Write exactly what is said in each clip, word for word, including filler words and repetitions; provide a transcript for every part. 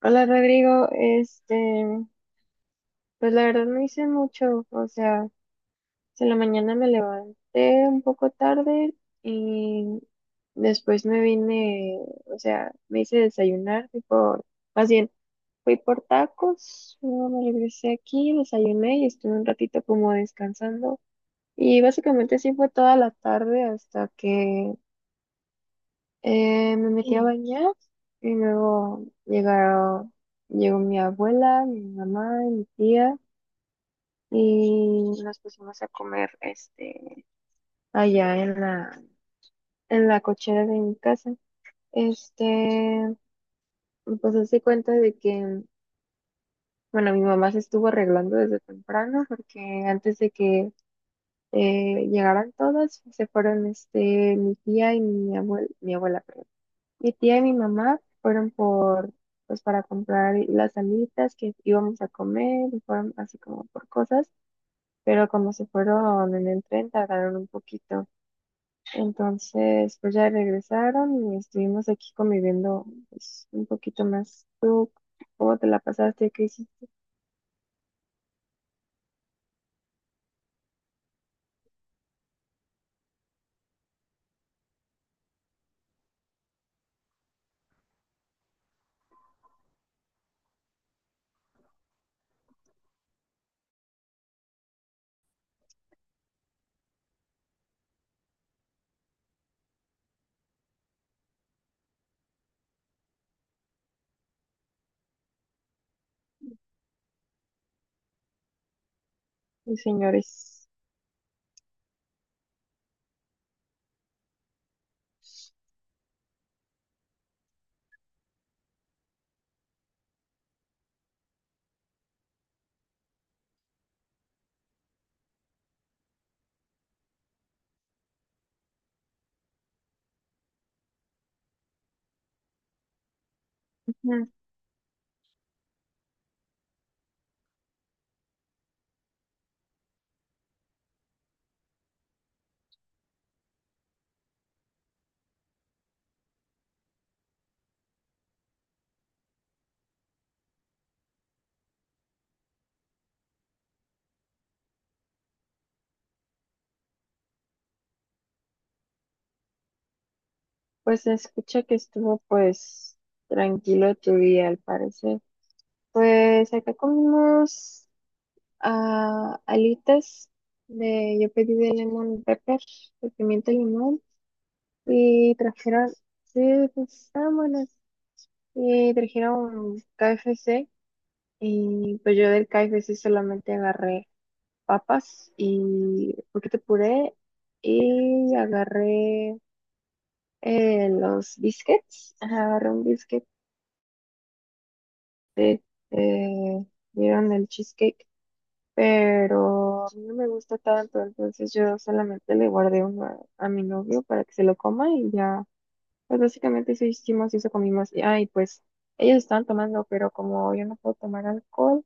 Hola Rodrigo, este, pues la verdad no hice mucho. o sea, si en la mañana me levanté un poco tarde y después me vine. O sea, me hice desayunar, fui por, más bien, fui por tacos, luego me regresé aquí, desayuné y estuve un ratito como descansando, y básicamente así fue toda la tarde hasta que Eh, me metí a, sí, bañar, y luego llegaron, llegó mi abuela, mi mamá y mi tía, y nos pusimos a comer, este allá en la, en la cochera de mi casa. Este, pues hace cuenta de que, bueno, mi mamá se estuvo arreglando desde temprano porque antes de que eh, llegaran todas, se fueron, este, mi tía y mi abuela, mi abuela, perdón, mi tía y mi mamá fueron por, pues para comprar las alitas que íbamos a comer, y fueron así como por cosas, pero como se fueron en el tren tardaron un poquito. Entonces, pues ya regresaron y estuvimos aquí conviviendo, pues, un poquito más. ¿Tú cómo te la pasaste? ¿Qué hiciste, señores? Ujú. Pues se escucha que estuvo pues tranquilo tu día, al parecer. Pues acá comimos, ah, alitas de, yo pedí de lemon pepper, de pimienta limón, y trajeron, sí, pues estaban buenas, y trajeron KFC, y pues yo del KFC solamente agarré papas y un poquito de puré, y agarré, eh, los biscuits, ajá, agarré un biscuit de, eh, vieron el cheesecake, pero a mí no me gusta tanto, entonces yo solamente le guardé uno a, a mi novio para que se lo coma, y ya. Pues básicamente eso hicimos y eso comimos. Y ay, pues ellos estaban tomando, pero como yo no puedo tomar alcohol,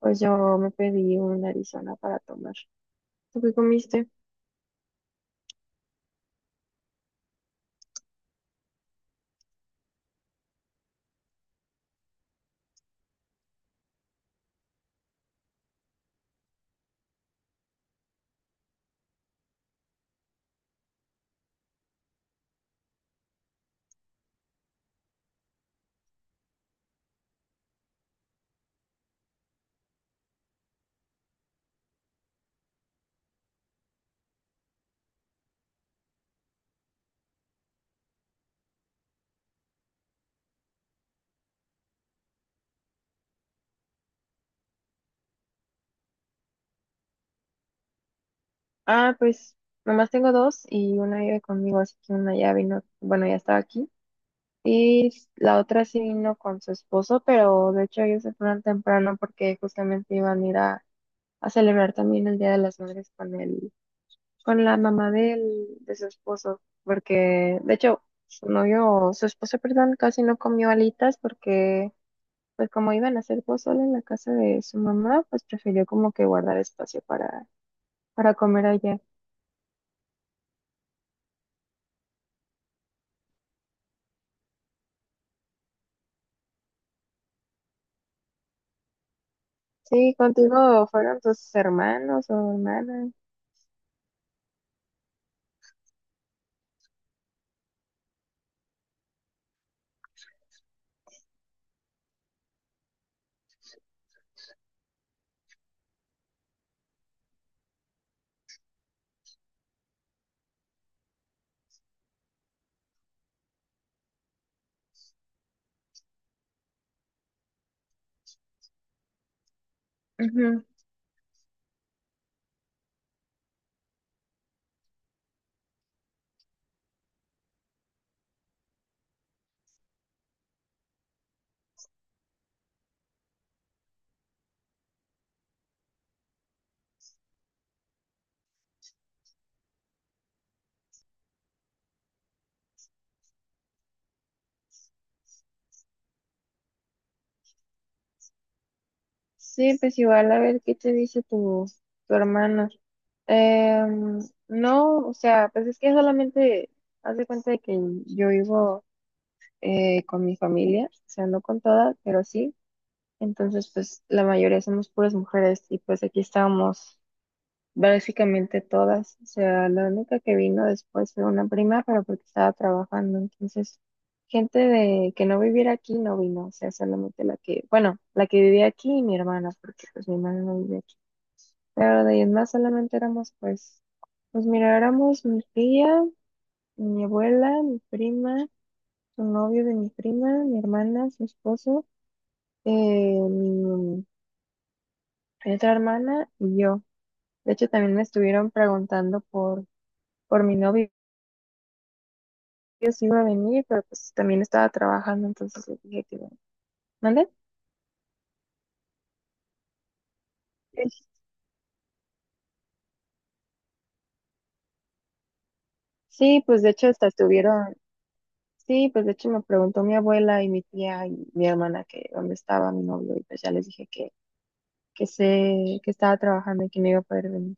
pues yo me pedí una Arizona para tomar. ¿Tú qué comiste? Ah, pues nomás tengo dos y una vive conmigo, así que una ya vino, bueno, ya estaba aquí. Y s- la otra sí vino con su esposo, pero de hecho ellos se fueron temprano porque justamente iban a ir a a celebrar también el Día de las Madres con el, con la mamá del, de su esposo, porque de hecho su novio, su esposo, perdón, casi no comió alitas porque pues como iban a hacer pozole en la casa de su mamá, pues prefirió como que guardar espacio para, para comer allá. Sí, contigo fueron tus hermanos o hermanas. Ujú. Sí, pues igual a ver qué te dice tu, tu hermano. Em, no, o sea, pues es que solamente haz de cuenta de que yo vivo, eh, con mi familia, o sea, no con todas, pero sí. Entonces, pues la mayoría somos puras mujeres y pues aquí estábamos básicamente todas. O sea, la única que vino después fue una prima, pero porque estaba trabajando. Entonces, gente de que no viviera aquí no vino, o sea, solamente la que, bueno, la que vivía aquí y mi hermana, porque pues mi hermana no vivía aquí. Pero de ahí en más solamente éramos, pues, pues mira, éramos mi tía, mi abuela, mi prima, su novio de mi prima, mi hermana, su esposo, eh, mi, mi otra hermana y yo. De hecho, también me estuvieron preguntando por, por mi novio, si iba a venir, pero pues también estaba trabajando, entonces les dije que no. ¿Mande? Sí, sí, pues de hecho hasta estuvieron, sí, pues de hecho me preguntó mi abuela y mi tía y mi hermana que dónde estaba mi novio, y pues ya les dije que que se, que estaba trabajando y que no iba a poder venir.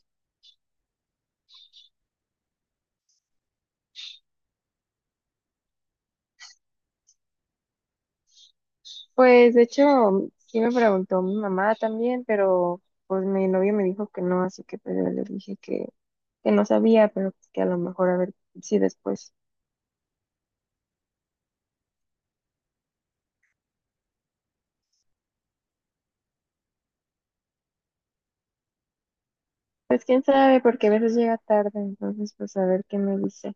Pues de hecho, sí me preguntó mi mamá también, pero pues mi novio me dijo que no, así que pues yo le dije que, que no sabía, pero pues, que a lo mejor a ver si después. Pues quién sabe, porque a veces llega tarde, entonces pues a ver qué me dice.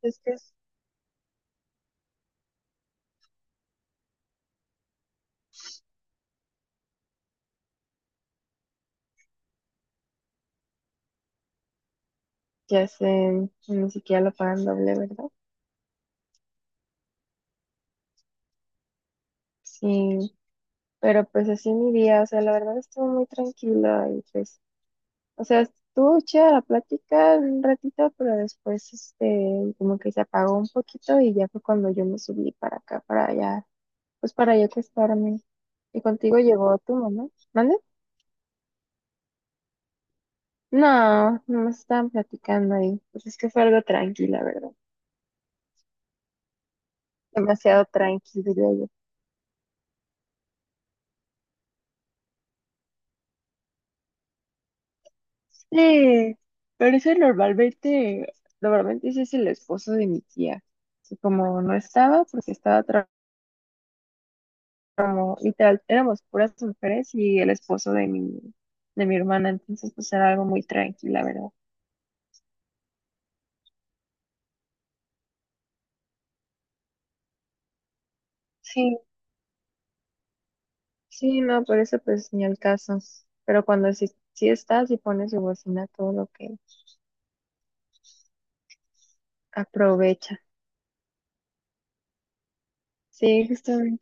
Es que ya sé, ni siquiera lo pagan doble, ¿verdad? Sí, pero pues así mi día, o sea, la verdad estuvo muy tranquila, y pues, o sea, estuvo chida la plática un ratito, pero después, este, como que se apagó un poquito y ya fue cuando yo me subí para acá, para allá, pues para yo acostarme. Y contigo llegó tu mamá, ¿mande? No, no me estaban platicando ahí. Pues es que fue algo tranquila, ¿verdad? Demasiado tranquilo, diría yo. Sí, pero eso normalmente, normalmente ese es el esposo de mi tía, que como no estaba, porque estaba trabajando, como literal, éramos puras mujeres y el esposo de mi, de mi hermana, entonces pues era algo muy tranquila, ¿verdad? Sí, sí, no, por eso pues ni al caso. Pero cuando sí, sí estás y pones su bocina, todo lo que aprovecha. Sí, justamente.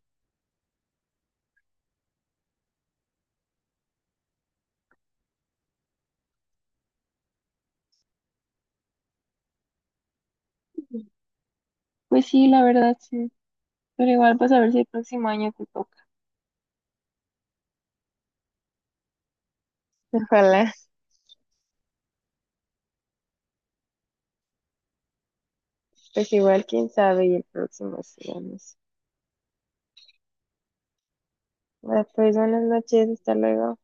Pues sí, la verdad, sí. Pero igual, pues a ver si el próximo año te toca. Ojalá, pues igual, quién sabe, y el próximo sí, vamos. Ah, pues buenas noches, hasta luego.